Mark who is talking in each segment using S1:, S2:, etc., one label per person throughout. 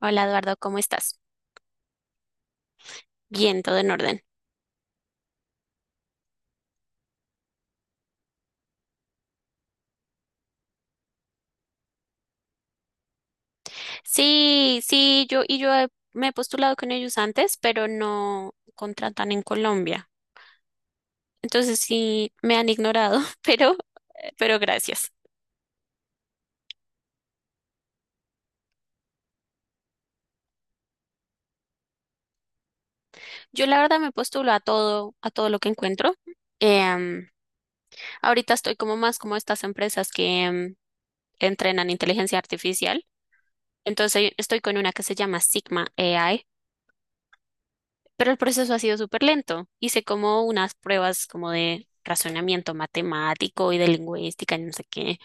S1: Hola Eduardo, ¿cómo estás? Bien, todo en orden. Sí, sí, yo y yo he- me he postulado con ellos antes, pero no contratan en Colombia. Entonces sí me han ignorado, pero gracias. Yo la verdad me postulo a todo lo que encuentro. Em, Ahorita estoy como más como estas empresas que entrenan inteligencia artificial. Entonces estoy con una que se llama Sigma AI. Pero el proceso ha sido súper lento. Hice como unas pruebas como de razonamiento matemático y de lingüística y no sé qué.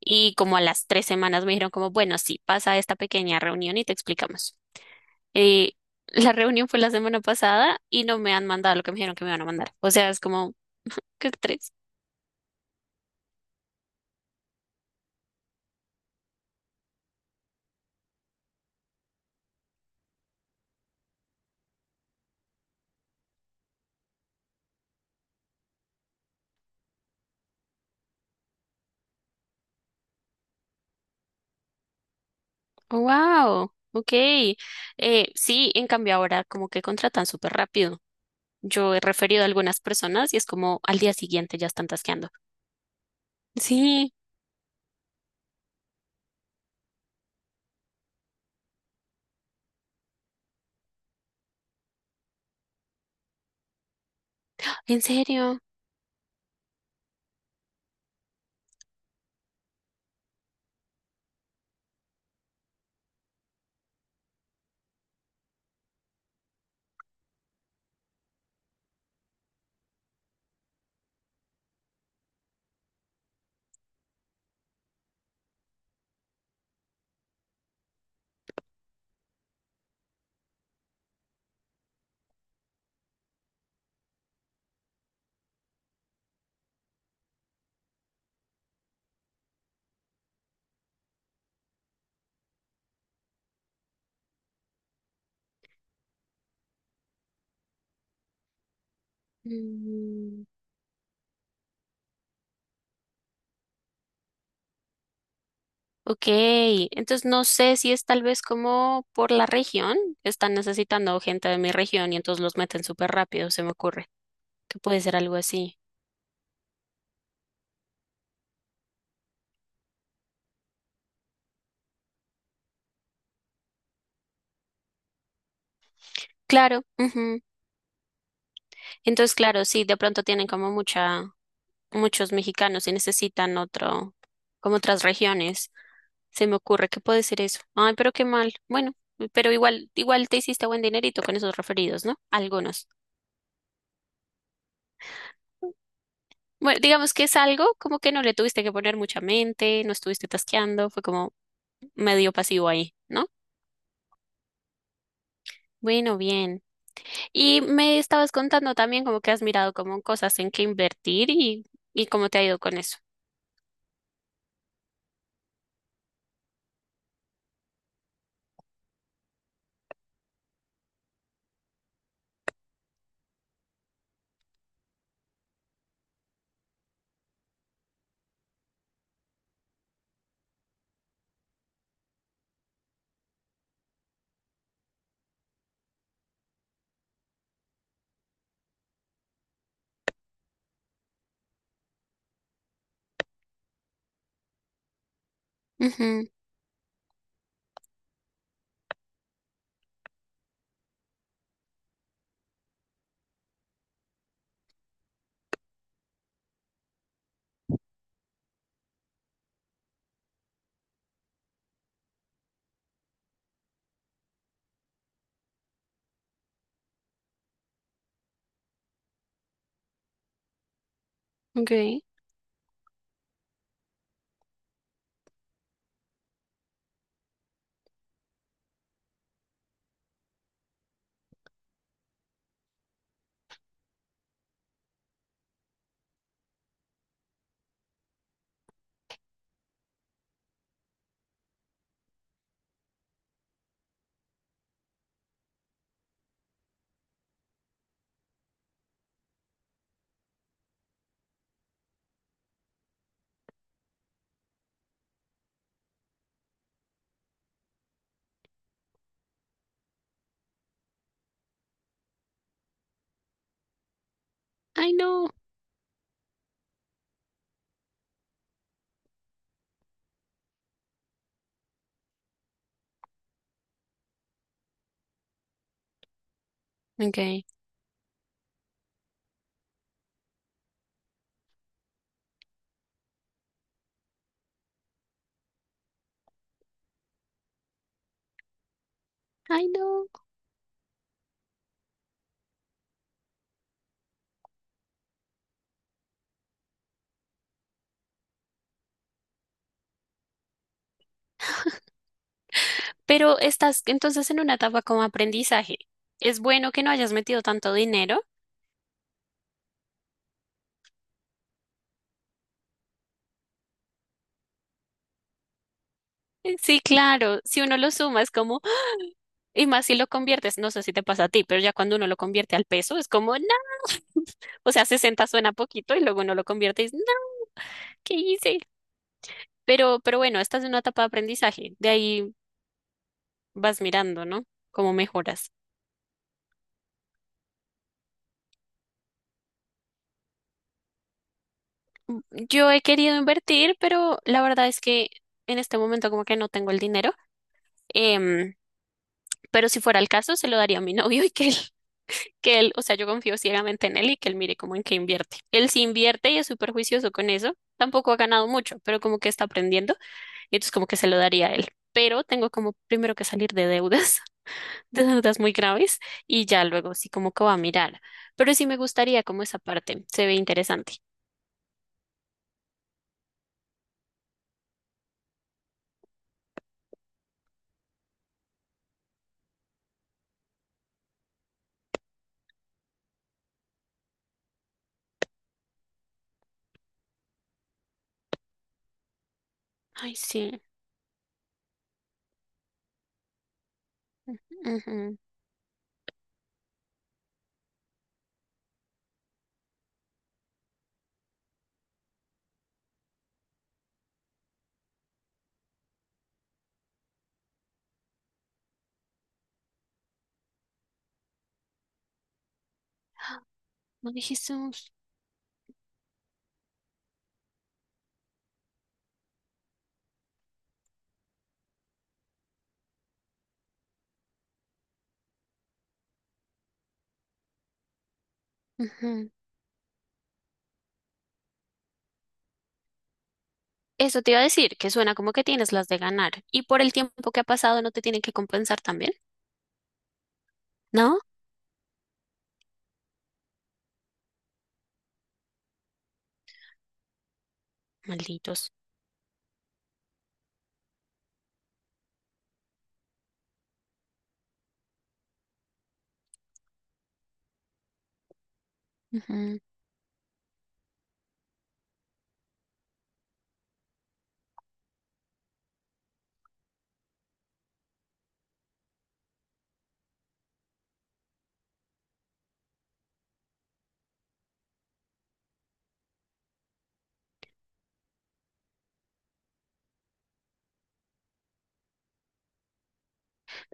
S1: Y como a las 3 semanas me dijeron como, bueno, sí, pasa a esta pequeña reunión y te explicamos. Y la reunión fue la semana pasada y no me han mandado lo que me dijeron que me van a mandar. O sea, es como, ¿qué tres? Wow, ok. Sí, en cambio ahora como que contratan súper rápido. Yo he referido a algunas personas y es como al día siguiente ya están tasqueando. Sí, en serio. Mm. Ok, entonces no sé si es tal vez como por la región, están necesitando gente de mi región y entonces los meten súper rápido, se me ocurre que puede ser algo así. Claro, ujú. Entonces claro, sí, de pronto tienen como mucha, muchos mexicanos y necesitan otro, como otras regiones, se me ocurre que puede ser eso. Ay, pero qué mal. Bueno, pero igual, igual te hiciste buen dinerito con esos referidos, ¿no? Algunos. Bueno, digamos que es algo como que no le tuviste que poner mucha mente, no estuviste tasqueando, fue como medio pasivo ahí, ¿no? Bueno, bien. Y me estabas contando también como que has mirado como cosas en que invertir y cómo te ha ido con eso. Ujú, ok. Ay, no. Ok. Ay, no. Pero estás entonces en una etapa como aprendizaje. Es bueno que no hayas metido tanto dinero. Sí, claro, si uno lo suma es como, y más si lo conviertes, no sé si te pasa a ti, pero ya cuando uno lo convierte al peso es como, no, o sea, 60 suena poquito y luego uno lo convierte y dices, no, ¿qué hice? Pero bueno, esta es una etapa de aprendizaje. De ahí vas mirando, ¿no? Cómo mejoras. Yo he querido invertir, pero la verdad es que en este momento como que no tengo el dinero. Em, pero si fuera el caso, se lo daría a mi novio y que él, que él, o sea, yo confío ciegamente en él y que él mire cómo en qué invierte. Él sí invierte y es súper juicioso con eso. Tampoco ha ganado mucho, pero como que está aprendiendo y entonces como que se lo daría a él. Pero tengo como primero que salir de deudas. De dudas muy graves y ya luego sí como que va a mirar. Pero sí me gustaría como esa parte, se ve interesante. Ay, sí. Ujú. No dijimos. Ujú. Eso te iba a decir, que suena como que tienes las de ganar. Y por el tiempo que ha pasado, ¿no te tienen que compensar también? ¿No? Malditos. Ujú.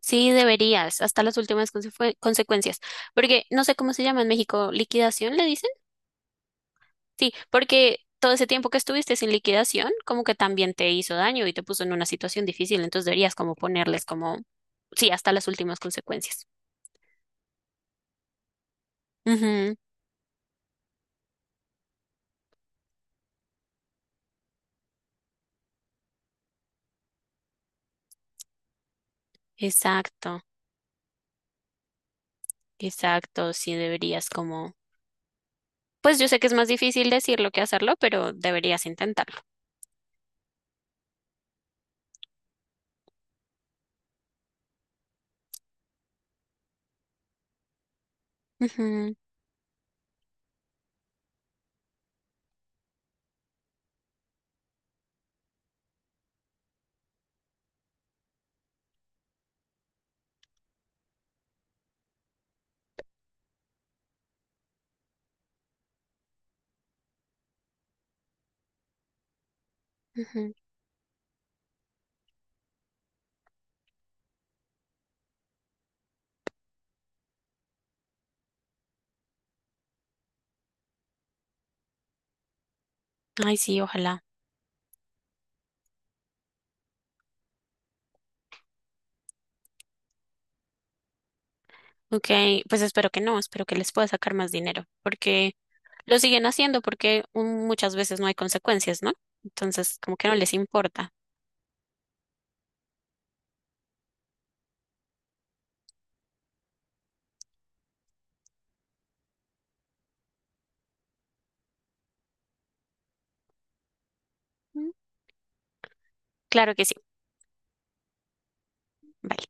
S1: Sí, deberías, hasta las últimas consecu- consecuencias. Porque no sé cómo se llama en México, liquidación, le dicen. Sí, porque todo ese tiempo que estuviste sin liquidación, como que también te hizo daño y te puso en una situación difícil, entonces deberías como ponerles como, sí, hasta las últimas consecuencias. Ujú. Exacto, exacto, sí deberías como, pues yo sé que es más difícil decirlo que hacerlo, pero deberías intentarlo. Ujú, ujú. Ay, sí, ojalá. Ok, pues espero que no, espero que les pueda sacar más dinero, porque lo siguen haciendo porque muchas veces no hay consecuencias, ¿no? Entonces, como que no les importa. Mm. Claro que sí. Vale.